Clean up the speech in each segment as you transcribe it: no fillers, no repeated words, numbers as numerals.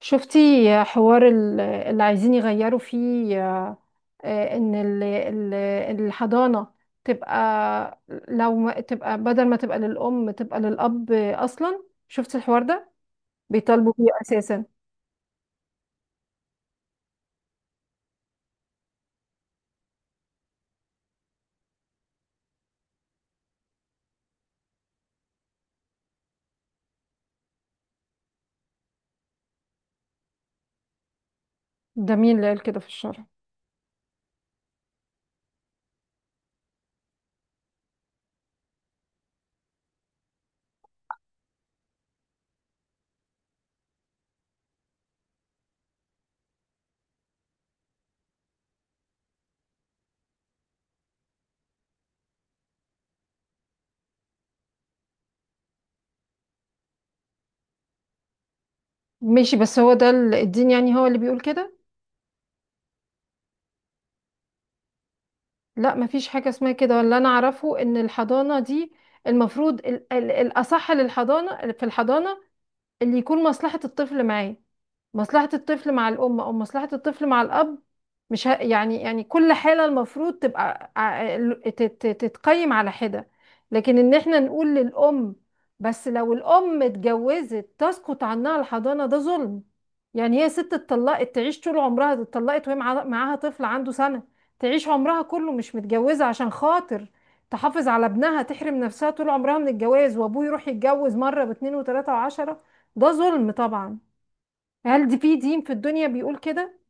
شفتي حوار اللي عايزين يغيروا فيه ان الحضانة تبقى، لو ما تبقى، بدل ما تبقى للأم تبقى للأب أصلا. شفتي الحوار ده؟ بيطالبوا بيه أساسا. ده مين اللي قال كده في الشرع؟ ماشي، بس هو ده الدين يعني هو اللي بيقول كده؟ لا، مفيش حاجة اسمها كده، ولا أنا أعرفه. إن الحضانة دي المفروض الأصح للحضانة، في الحضانة اللي يكون مصلحة الطفل معاه. مصلحة الطفل مع الأم أو مصلحة الطفل مع الأب؟ مش ه... يعني كل حالة المفروض تبقى تتقيم على حدة. لكن إن إحنا نقول للأم بس لو الأم اتجوزت تسقط عنها الحضانة، ده ظلم. يعني هي ست اتطلقت تعيش طول عمرها، دي اتطلقت وهي معاها طفل عنده سنة، تعيش عمرها كله مش متجوزة عشان خاطر تحافظ على ابنها، تحرم نفسها طول عمرها من الجواز، وابوه يروح يتجوز مرة باتنين وتلاتة وعشرة؟ ده ظلم طبعا. هل دي في دين في الدنيا بيقول كده؟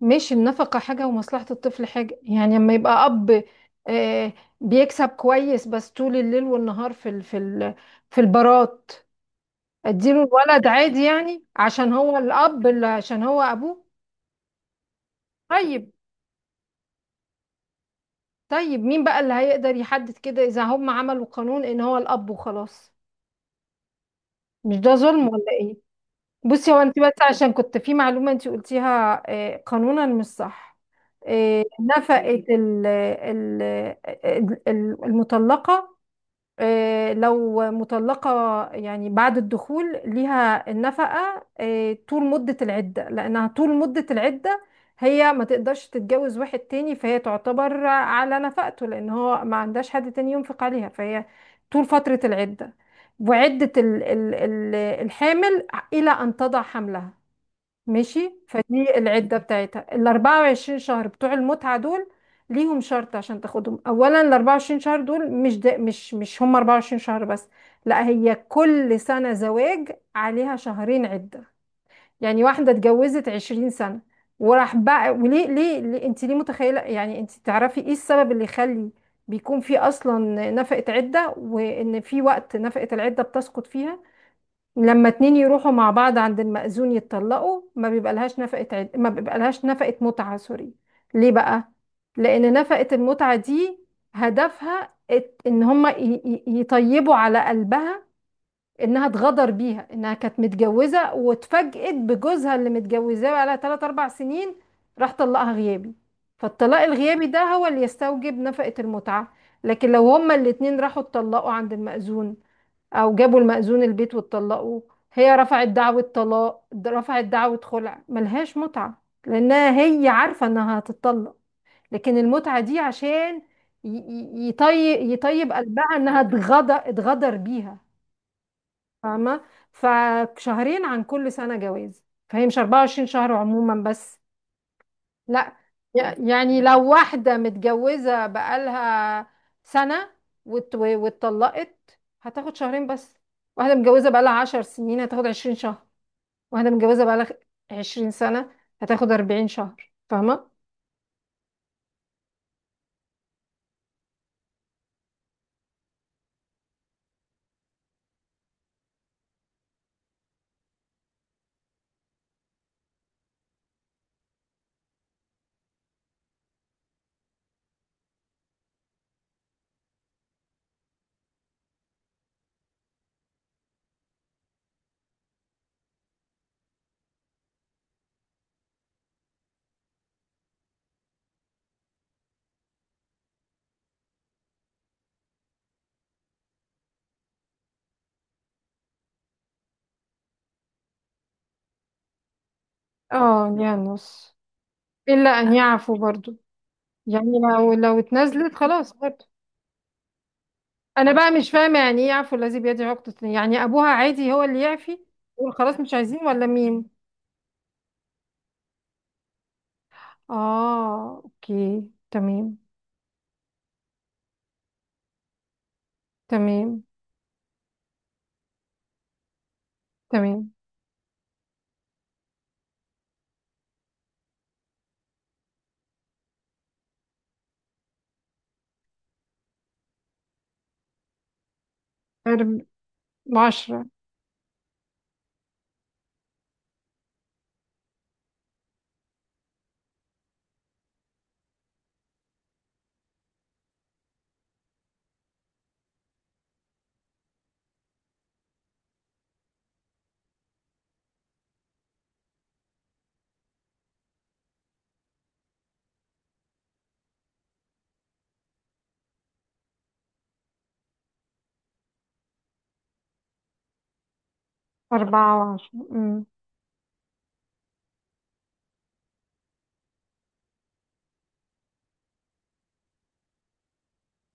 مش النفقة حاجة ومصلحة الطفل حاجة؟ يعني لما يبقى أب آه، بيكسب كويس بس طول الليل والنهار في البارات، اديله الولد عادي يعني عشان هو الأب، اللي عشان هو أبوه؟ طيب. طيب، مين بقى اللي هيقدر يحدد كده إذا هم عملوا قانون إن هو الأب وخلاص؟ مش ده ظلم ولا إيه؟ بصي، هو انت بس عشان كنت في معلومة انت قلتيها قانونا مش صح. نفقة المطلقة، لو مطلقة يعني بعد الدخول ليها النفقة طول مدة العدة، لأنها طول مدة العدة هي ما تقدرش تتجوز واحد تاني، فهي تعتبر على نفقته لأن هو ما عندهاش حد تاني ينفق عليها، فهي طول فترة العدة. وعدة الحامل إلى أن تضع حملها. ماشي، فدي العدة بتاعتها، ال 24 شهر بتوع المتعة دول ليهم شرط عشان تاخدهم. اولا ال 24 شهر دول، مش ده، مش هم 24 شهر بس؟ لا، هي كل سنة زواج عليها شهرين عدة. يعني واحدة اتجوزت 20 سنة وراح بقى وليه ليه, ليه انت ليه متخيلة يعني، انت تعرفي ايه السبب اللي يخلي بيكون في اصلا نفقة عدة، وان في وقت نفقة العدة بتسقط فيها؟ لما اتنين يروحوا مع بعض عند المأذون يتطلقوا ما بيبقى لهاش ما بيبقى لهاش نفقة متعة، سوري. ليه بقى؟ لأن نفقة المتعة دي هدفها إن هما يطيبوا على قلبها إنها اتغدر بيها، إنها كانت متجوزة واتفاجئت بجوزها اللي متجوزاه بقالها تلات أربع سنين راح طلقها غيابي. فالطلاق الغيابي ده هو اللي يستوجب نفقة المتعة. لكن لو هما الاتنين راحوا اتطلقوا عند المأذون، او جابوا المأذون البيت واتطلقوا، هي رفعت دعوة رفعت دعوة خلع، ملهاش متعة لانها هي عارفة انها هتتطلق. لكن المتعة دي عشان يطيب قلبها انها اتغدر بيها. فاهمة؟ فشهرين عن كل سنة جواز، فهي مش 24 شهر عموما بس. لا، يعني لو واحدة متجوزة بقالها سنة واتطلقت هتاخد شهرين بس. واحدة متجوزة بقالها 10 سنين هتاخد 20 شهر. واحدة متجوزة بقالها 20 سنة هتاخد 40 شهر، فاهمة؟ اه يعني نص. إلا أن يعفوا برضو. يعني لو اتنازلت خلاص برضو. أنا بقى مش فاهمة يعني إيه يعفو الذي بيده عقدة، يعني أبوها عادي هو اللي يعفي، يقول خلاص مش عايزين ولا مين؟ اه، اوكي. تمام. تمام. تمام. أرب... عشرة. أربعة وعشرة. أمم.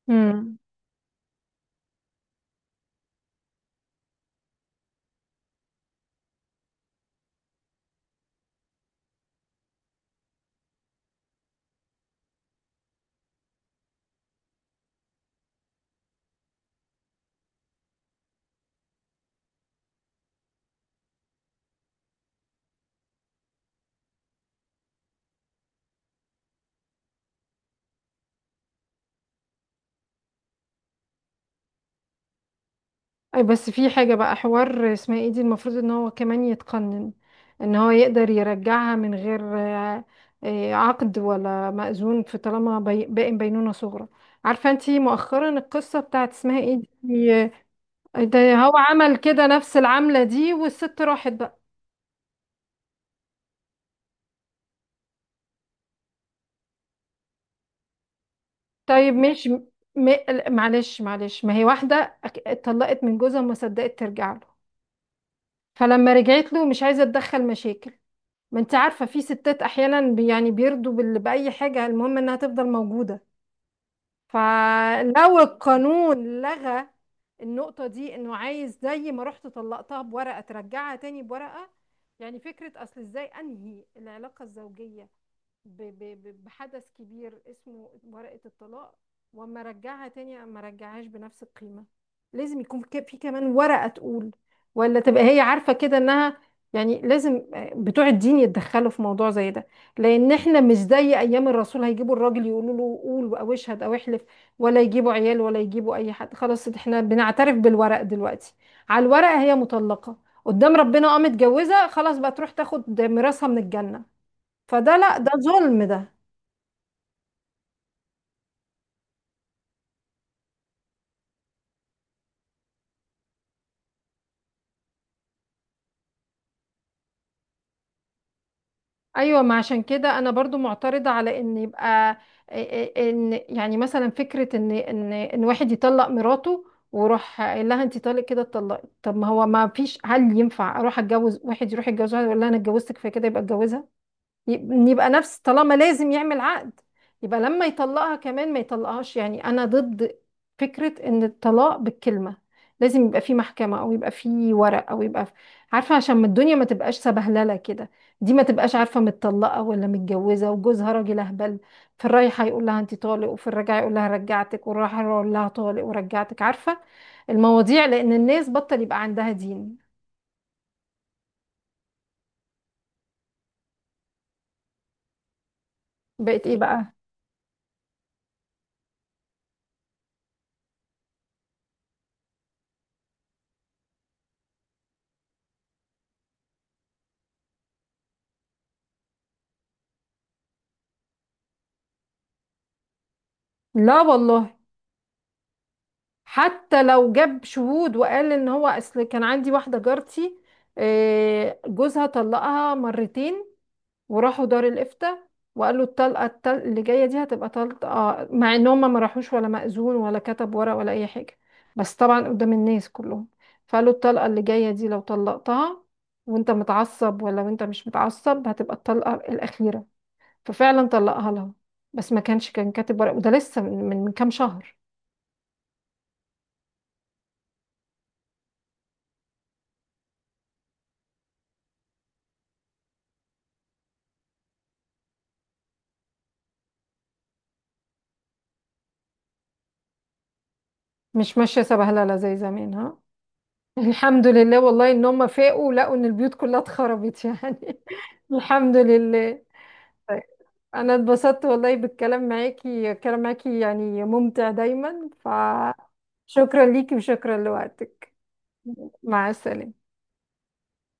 أمم. أي، بس في حاجة بقى حوار اسمها ايه دي المفروض ان هو كمان يتقنن، ان هو يقدر يرجعها من غير عقد ولا مأذون، في طالما باقي بينونة صغرى. عارفة انتي مؤخرا القصة بتاعت اسمها ايه دي، ده هو عمل كده نفس العملة دي والست راحت بقى. طيب، مش م... معلش معلش، ما هي واحدة اتطلقت من جوزها وما صدقت ترجع له، فلما رجعت له مش عايزه اتدخل مشاكل. ما انت عارفه في ستات احيانا يعني بيرضوا باي حاجه المهم انها تفضل موجوده. فلو القانون لغى النقطة دي، انه عايز زي ما رحت طلقتها بورقة ترجعها تاني بورقة، يعني فكرة اصل ازاي انهي العلاقة الزوجية بحدث كبير اسمه ورقة الطلاق، واما ارجعها تاني اما ارجعهاش بنفس القيمة. لازم يكون في كمان ورقة تقول، ولا تبقى هي عارفة كده انها. يعني لازم بتوع الدين يتدخلوا في موضوع زي ده، لان احنا مش زي ايام الرسول هيجيبوا الراجل يقولوا له قول او اشهد او احلف، ولا يجيبوا عيال ولا يجيبوا اي حد. خلاص، احنا بنعترف بالورق دلوقتي. على الورق هي مطلقة، قدام ربنا اه متجوزة، خلاص بقى تروح تاخد ميراثها من الجنة. فده لا، ده ظلم ده. ايوه، ما عشان كده انا برضو معترضة على ان يبقى، ان يعني مثلا فكرة ان واحد يطلق مراته وروح قايل لها انت طالق، كده اتطلقي؟ طب ما هو ما فيش، هل ينفع اروح اتجوز واحد، يروح يتجوز واحد يقول لها انا اتجوزتك فكده يبقى اتجوزها؟ يبقى نفس طالما لازم يعمل عقد، يبقى لما يطلقها كمان ما يطلقهاش. يعني انا ضد فكرة ان الطلاق بالكلمة. لازم يبقى في محكمة، او يبقى في ورق، او يبقى في. عارفة، عشان ما الدنيا ما تبقاش سبهللة كده. دي ما تبقاش عارفة متطلقة ولا متجوزة، وجوزها راجل اهبل في الرايحة يقول لها انت طالق وفي الرجعة يقول لها رجعتك، والراحة يقول لها طالق ورجعتك، عارفة المواضيع، لان الناس بطل يبقى عندها دين. بقت ايه بقى؟ لا والله، حتى لو جاب شهود. وقال ان هو، اصل كان عندي واحده جارتي جوزها طلقها مرتين وراحوا دار الافتاء، وقال له الطلقه اللي جايه دي هتبقى طلقه، مع ان هم ما راحوش ولا مأذون ولا كتب ورق ولا اي حاجه، بس طبعا قدام الناس كلهم. فقال له الطلقه اللي جايه دي لو طلقتها وانت متعصب، ولا وانت مش متعصب، هتبقى الطلقه الاخيره. ففعلا طلقها لها، بس ما كانش كان كاتب ورق، وده لسه من كام شهر. مش ماشيه سبهلله زي زمان، ها. الحمد لله والله، ان هم فاقوا لقوا ان البيوت كلها اتخربت يعني. الحمد لله. طيب. انا اتبسطت والله بالكلام معاكي، الكلام معاكي يعني ممتع دايما، فشكرا ليكي وشكرا لوقتك. مع السلامة.